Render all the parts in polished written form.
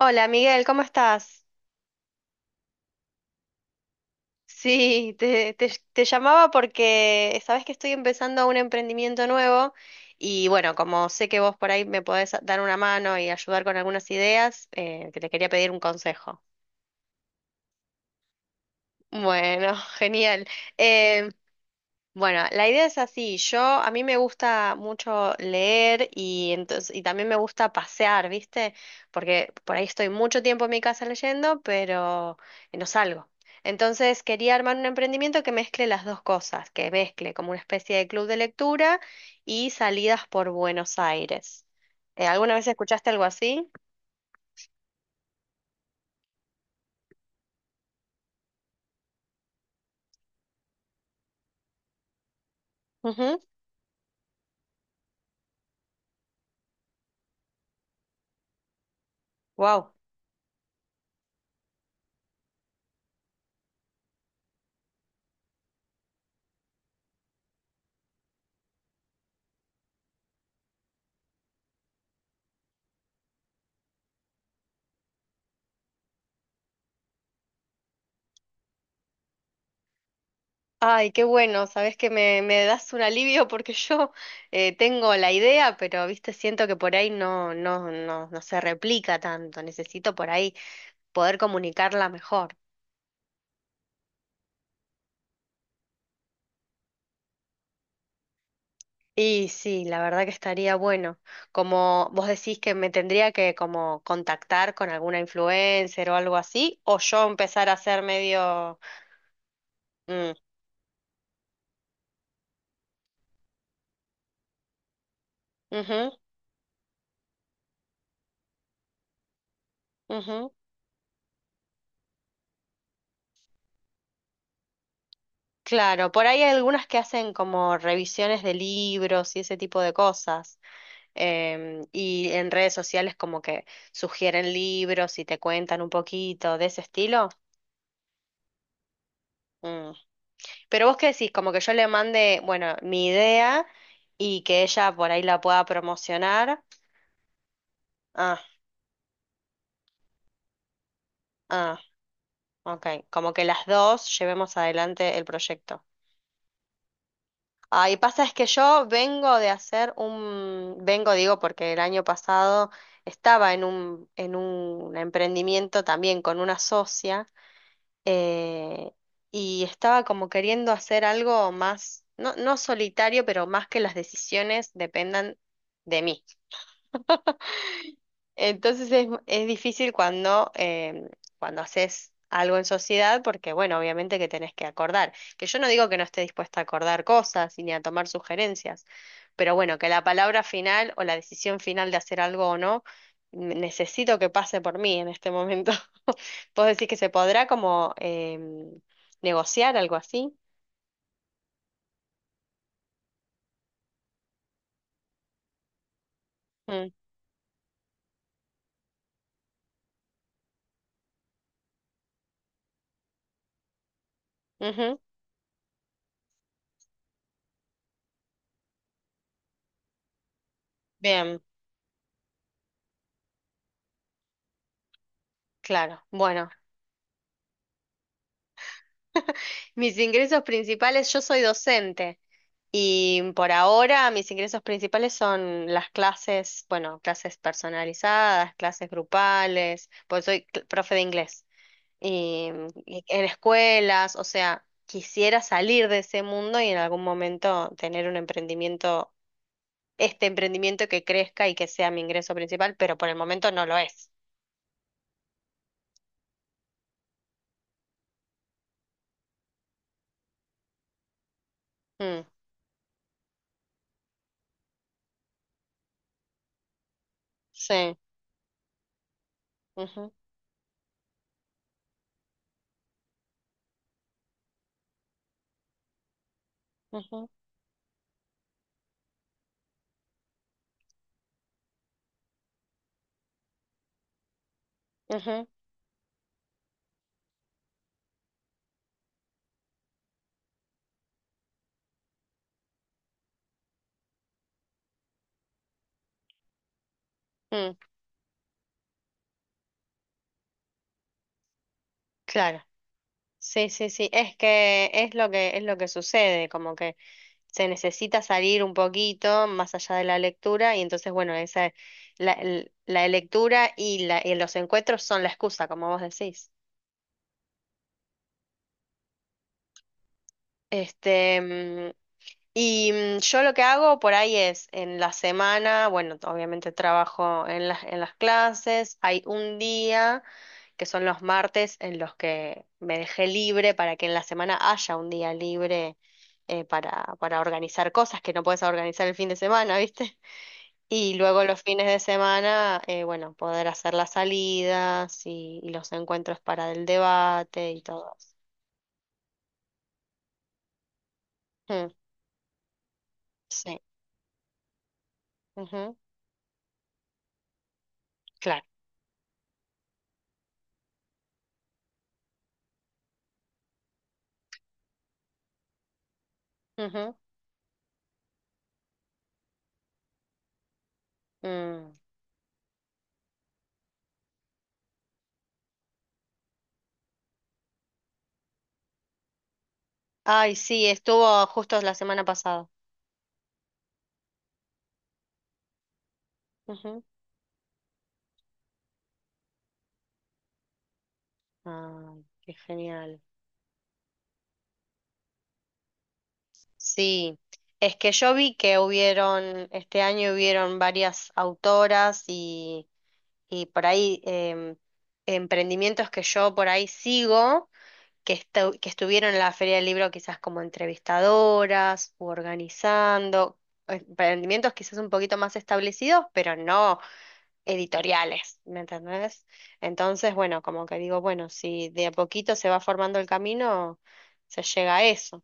Hola Miguel, ¿cómo estás? Sí, te llamaba porque sabes que estoy empezando un emprendimiento nuevo y bueno, como sé que vos por ahí me podés dar una mano y ayudar con algunas ideas, que te quería pedir un consejo. Bueno, genial. Eh, Bueno, la idea es así. Yo, a mí me gusta mucho leer y entonces, y también me gusta pasear, ¿viste? Porque por ahí estoy mucho tiempo en mi casa leyendo, pero no salgo. Entonces quería armar un emprendimiento que mezcle las dos cosas, que mezcle como una especie de club de lectura y salidas por Buenos Aires. ¿Alguna vez escuchaste algo así? Wow. Ay, qué bueno, sabes que me das un alivio porque yo tengo la idea, pero viste, siento que por ahí no se replica tanto. Necesito por ahí poder comunicarla mejor. Y sí, la verdad que estaría bueno. Como vos decís que me tendría que como contactar con alguna influencer o algo así, o yo empezar a hacer medio. Mm, ujú, ujú. Claro, por ahí hay algunas que hacen como revisiones de libros y ese tipo de cosas. Y en redes sociales como que sugieren libros y te cuentan un poquito de ese estilo. Mm. Pero vos qué decís, como que yo le mande, bueno, mi idea y que ella por ahí la pueda promocionar. Ah, ah, ok. Como que las dos llevemos adelante el proyecto. Ahí pasa es que yo vengo de vengo digo porque el año pasado estaba en en un emprendimiento también con una socia eh, y estaba como queriendo hacer algo más, no, no solitario, pero más que las decisiones dependan de mí. Entonces es difícil cuando, cuando haces algo en sociedad, porque bueno, obviamente que tenés que acordar. Que yo no digo que no esté dispuesta a acordar cosas y ni a tomar sugerencias, pero bueno, que la palabra final o la decisión final de hacer algo o no, necesito que pase por mí en este momento. ¿Vos decís que se podrá como negociar algo así? Mm, ujú, bien, claro. Bueno, mis ingresos principales, yo soy docente. Y por ahora mis ingresos principales son las clases, bueno, clases personalizadas, clases grupales, pues soy profe de inglés y, y en escuelas, o sea, quisiera salir de ese mundo y en algún momento tener un emprendimiento, este emprendimiento que crezca y que sea mi ingreso principal, pero por el momento no lo es. Mm, sí, ujú, ujú, ujú, mm, claro. Sí, sí, sí, es que es lo que es lo que sucede, como que se necesita salir un poquito más allá de la lectura y entonces bueno, esa la lectura y la y los encuentros son la excusa, como vos decís. Este, mm, y mm, yo lo que hago por ahí es, en la semana, bueno, obviamente trabajo en en las clases, hay un día, que son los martes, en los que me dejé libre para que en la semana haya un día libre para organizar cosas que no puedes organizar el fin de semana, ¿viste? Y luego los fines de semana, bueno, poder hacer las salidas y los encuentros para el debate y todo eso. Mm, sí, ujú, claro. Ujú, mm. Ay, sí, estuvo justo la semana pasada. Ujú. Ay, qué genial. Sí, es que yo vi que hubieron, este año hubieron varias autoras y por ahí emprendimientos que yo por ahí sigo, que estuvieron en la Feria del Libro quizás como entrevistadoras u organizando, emprendimientos quizás un poquito más establecidos, pero no. Editoriales, ¿me entendés? Entonces, bueno, como que digo, bueno, si de a poquito se va formando el camino, se llega a eso.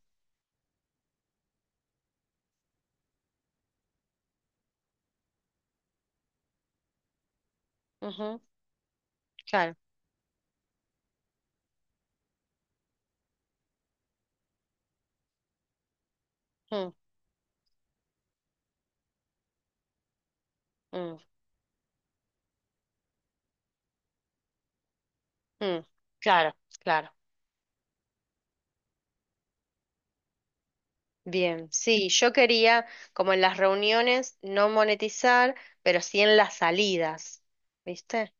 Ujú, claro. Mm, mm, mm. Claro, claro. Bien, sí, yo quería, como en las reuniones, no monetizar, pero sí en las salidas, ¿viste?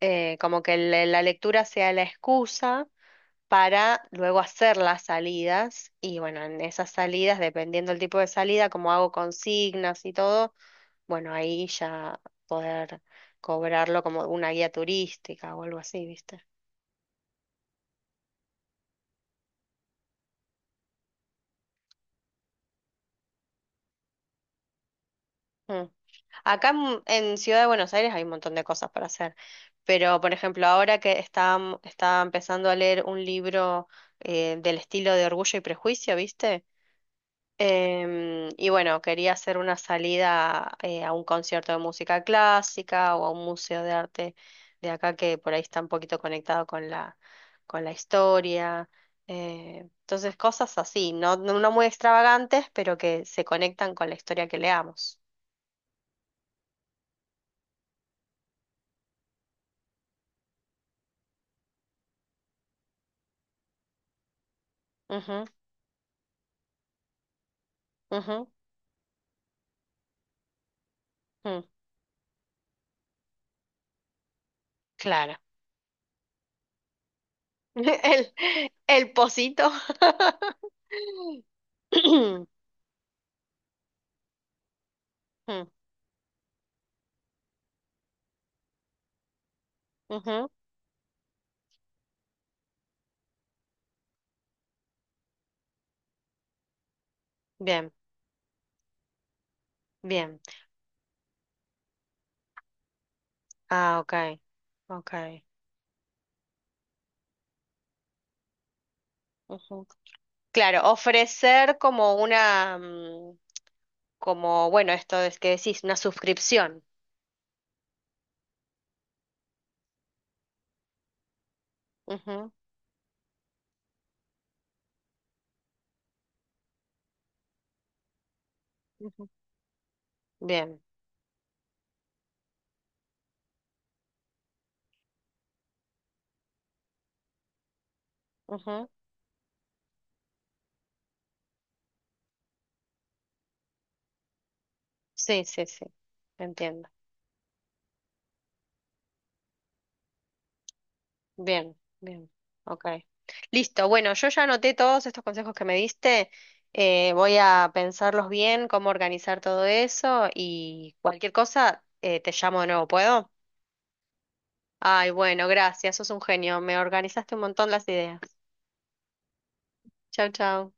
Como que la lectura sea la excusa para luego hacer las salidas y bueno, en esas salidas, dependiendo del tipo de salida, como hago consignas y todo bueno, ahí ya poder cobrarlo como una guía turística o algo así, ¿viste? Mm. Acá en, en Ciudad de Buenos Aires hay un montón de cosas para hacer, pero por ejemplo, está empezando a leer un libro del estilo de Orgullo y Prejuicio, ¿viste? Y bueno, quería hacer una salida a un concierto de música clásica o a un museo de arte de acá que por ahí está un poquito conectado con con la historia. Entonces, cosas así, no muy extravagantes, pero que se conectan con la historia que leamos. Ujú, ujú, mm, claro. El, el pocito. Mm, ujú, bien, bien. Ah, ok. Ok. Ujú. Claro, ofrecer como una, mm, como, bueno, esto es que decís, una suscripción. Ujú, ujú. Bien. Ujú. Sí, sí, sí. Entiendo. Bien, bien. Ok. Listo. Bueno, yo ya anoté todos estos consejos que me diste. Voy a pensarlos bien, cómo organizar todo eso y cualquier cosa, te llamo de nuevo, ¿puedo? Ay, bueno, gracias. Sos un genio. Me organizaste un montón las ideas. Chau, chau.